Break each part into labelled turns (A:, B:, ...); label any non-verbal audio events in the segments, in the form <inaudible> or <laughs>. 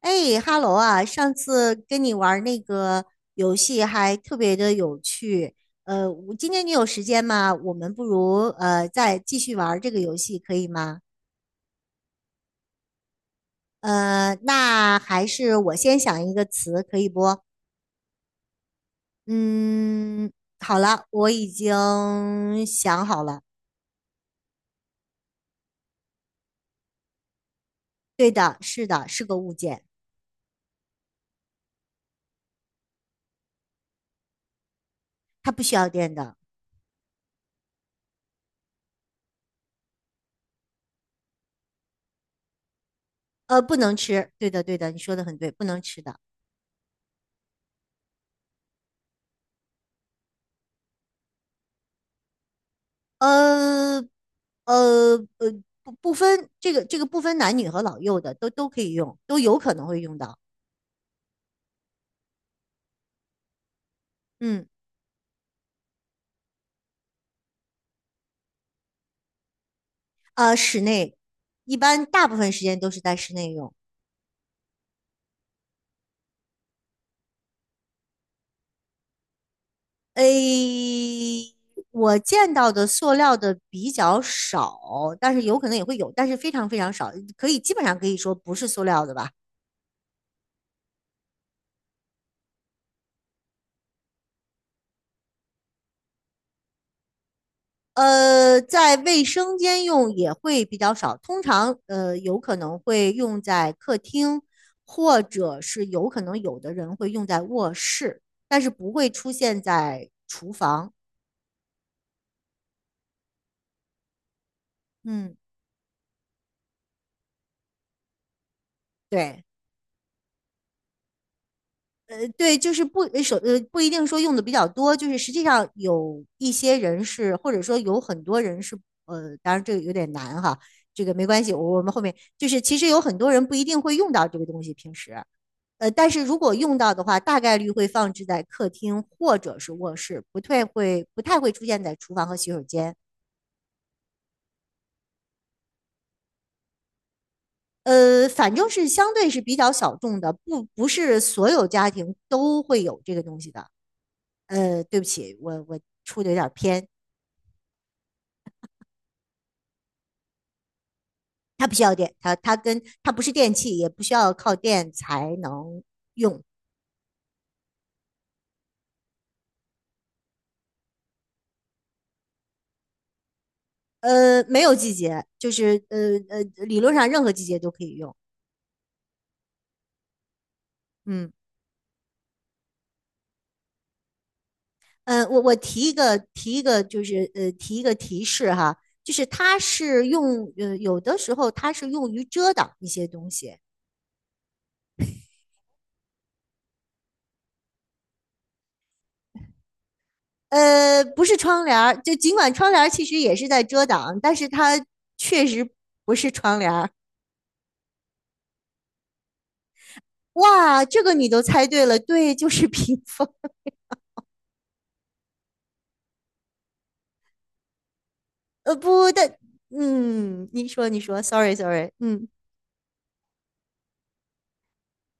A: 哎哈喽啊！上次跟你玩儿那个游戏还特别的有趣。我今天你有时间吗？我们不如再继续玩儿这个游戏，可以吗？那还是我先想一个词，可以不？嗯，好了，我已经想好了。对的，是的，是个物件，它不需要电的。呃，不能吃。对的，对的，你说的很对，不能吃的。呃呃呃，不分这个不分男女和老幼的，都可以用，都有可能会用到。嗯，啊，室内一般大部分时间都是在室内用。诶，我见到的塑料的比较少，但是有可能也会有，但是非常非常少，可以基本上可以说不是塑料的吧。在卫生间用也会比较少，通常有可能会用在客厅，或者是有可能有的人会用在卧室，但是不会出现在厨房。嗯，对，对，就是不一定说用的比较多，就是实际上有一些人是，或者说有很多人是，当然这个有点难哈，这个没关系，我们后面就是其实有很多人不一定会用到这个东西，平时。但是如果用到的话，大概率会放置在客厅或者是卧室，不太会出现在厨房和洗手间。反正是相对是比较小众的，不是所有家庭都会有这个东西的。呃，对不起，我出的有点偏，它不需要电，它跟它不是电器，也不需要靠电才能用。没有季节，就是理论上任何季节都可以用。嗯。嗯，我我提一个提一个，就是提一个提示哈，就是它是用呃，有的时候它是用于遮挡一些东西，呃，不是窗帘儿，就尽管窗帘儿其实也是在遮挡，但是它确实不是窗帘儿。哇，这个你都猜对了，对，就是 <laughs> 屏风。呃，不，但嗯，你说，sorry sorry，嗯。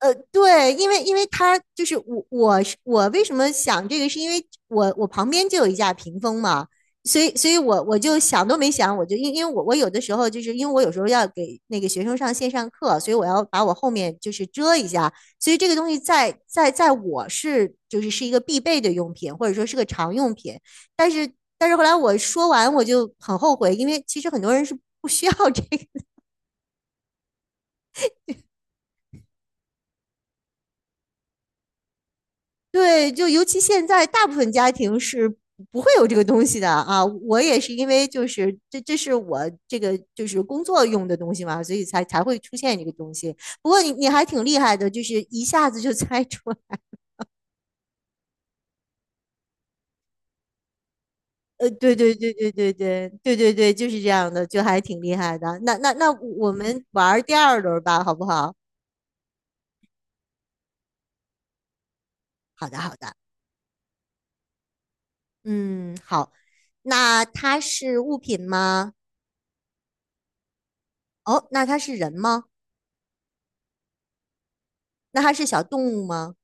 A: 呃，对，因为他就是我，我是我为什么想这个，是因为我我旁边就有一架屏风嘛，所以我就想都没想，我就因为我我有的时候就是因为我有时候要给那个学生上线上课，所以我要把我后面就是遮一下，所以这个东西在我是一个必备的用品，或者说是个常用品，但是但是后来我说完我就很后悔，因为其实很多人是不需要这对，就尤其现在大部分家庭是不会有这个东西的啊。我也是因为这是我这个就是工作用的东西嘛，所以才会出现这个东西。不过你还挺厉害的，就是一下子就 <laughs> 猜出来对对对对对对对对对，就是这样的，就还挺厉害的。那我们玩第二轮吧，好不好？好的好的，嗯好。那它是物品吗？哦，那它是人吗？那它是小动物吗？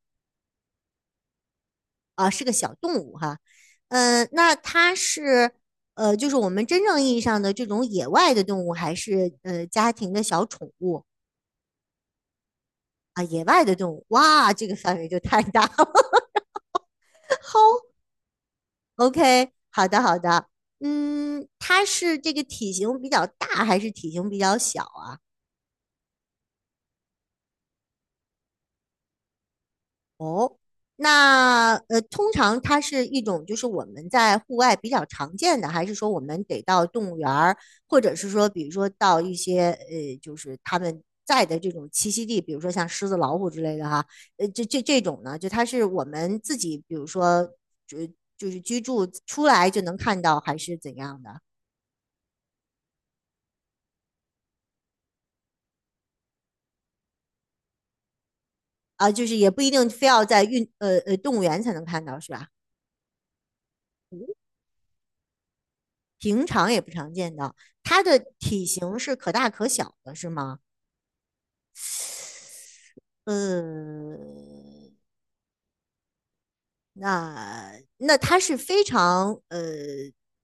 A: 是个小动物哈。嗯，那它是就是我们真正意义上的这种野外的动物，还是家庭的小宠物啊？野外的动物，哇，这个范围就太大了。<laughs> 好 OK，好的好的，嗯，它是这个体型比较大还是体型比较小啊？那通常它是一种，就是我们在户外比较常见的，还是说我们得到动物园儿，或者是说，比如说到一些就是他们在的这种栖息地，比如说像狮子、老虎之类的哈，这种呢，就它是我们自己，比如说就就是居住出来就能看到，还是怎样的啊？就是也不一定非要在动物园才能看到，是吧？平常也不常见到，它的体型是可大可小的，是吗？呃，那那它是非常呃，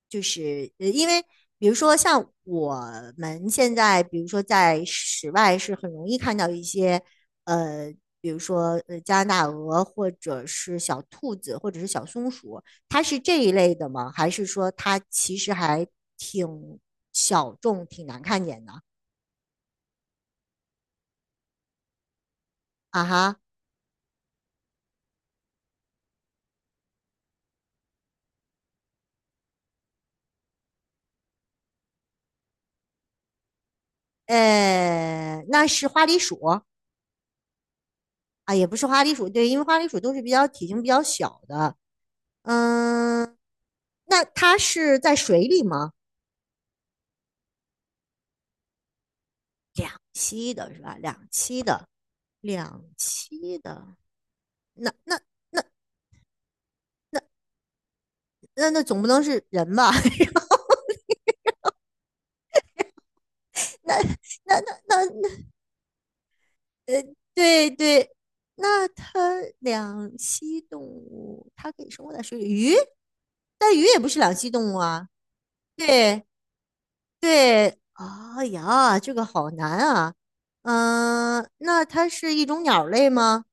A: 因为比如说像我们现在，比如说在室外是很容易看到一些呃，比如说加拿大鹅或者是小兔子或者是小松鼠，它是这一类的吗？还是说它其实还挺小众、挺难看见的？啊哈，那是花栗鼠。啊，也不是花栗鼠，对，因为花栗鼠都是比较体型比较小的。嗯，那它是在水里吗？两栖的是吧？两栖的，两栖的，那那那那总不能是人吧？<laughs> 那那那那，那对对，那它两栖动物，它可以生活在水里，鱼，但鱼也不是两栖动物啊。对，对，哎呀，这个好难啊。嗯、那它是一种鸟类吗？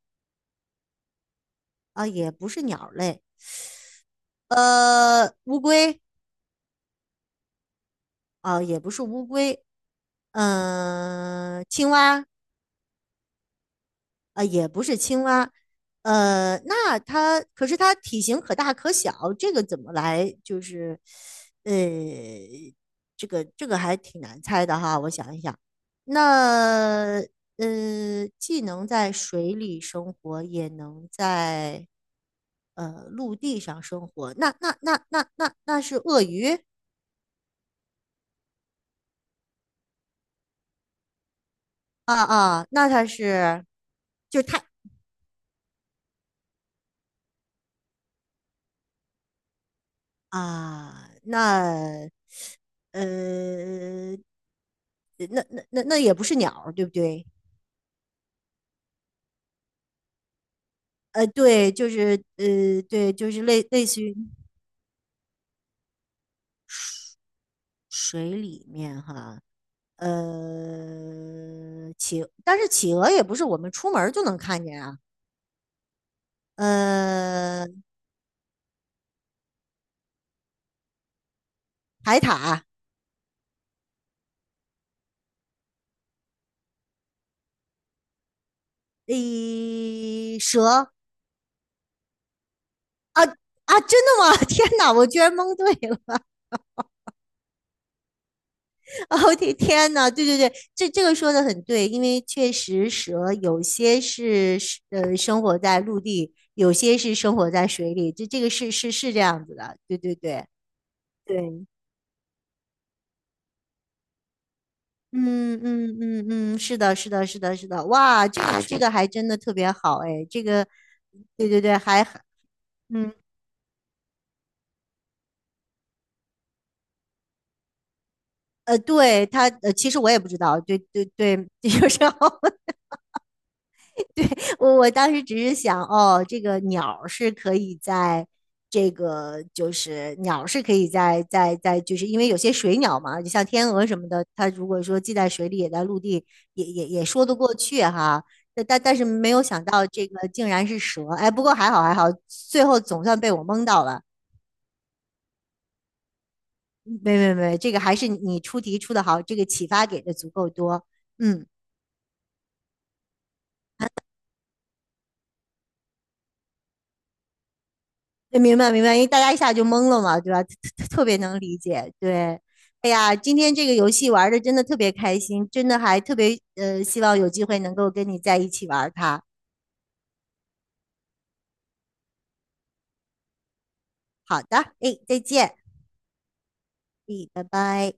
A: 啊，也不是鸟类。呃，乌龟啊，也不是乌龟。嗯、青蛙呃，也不是青蛙，那它可是它体型可大可小，这个怎么来就是，呃，这个这个还挺难猜的哈，我想一想，那既能在水里生活，也能在陆地上生活，那是鳄鱼啊啊，那它是，就是它啊，那呃，呃那也不是鸟儿，对不对？呃，对，就是对，就是类似于水里面哈，但是企鹅也不是我们出门儿就能看见啊，呃，海獭，诶，蛇啊啊，真的吗？<laughs> 天哪，我居然蒙对了。哦，天呐，对对对，这个说的很对，因为确实蛇有些是生活在陆地，有些是生活在水里，这个是这样子的，对对对对，嗯嗯嗯嗯，是的，是的，是的，是的，哇，这个这个还真的特别好哎，这个，对对对，还嗯对它其实我也不知道，对对对，<laughs> 有时候我当时只是想，哦，这个鸟是可以在这个就是鸟是可以在，就是因为有些水鸟嘛，就像天鹅什么的，它如果说既在水里也在陆地，也说得过去哈。但是没有想到这个竟然是蛇，哎，不过还好还好，最后总算被我蒙到了。没，这个还是你出题出的好，这个启发给的足够多。嗯。对，明白明白，因为大家一下就懵了嘛，对吧？特别能理解。对，哎呀，今天这个游戏玩的真的特别开心，真的还特别希望有机会能够跟你在一起玩它。好的，哎，再见，哎，拜拜。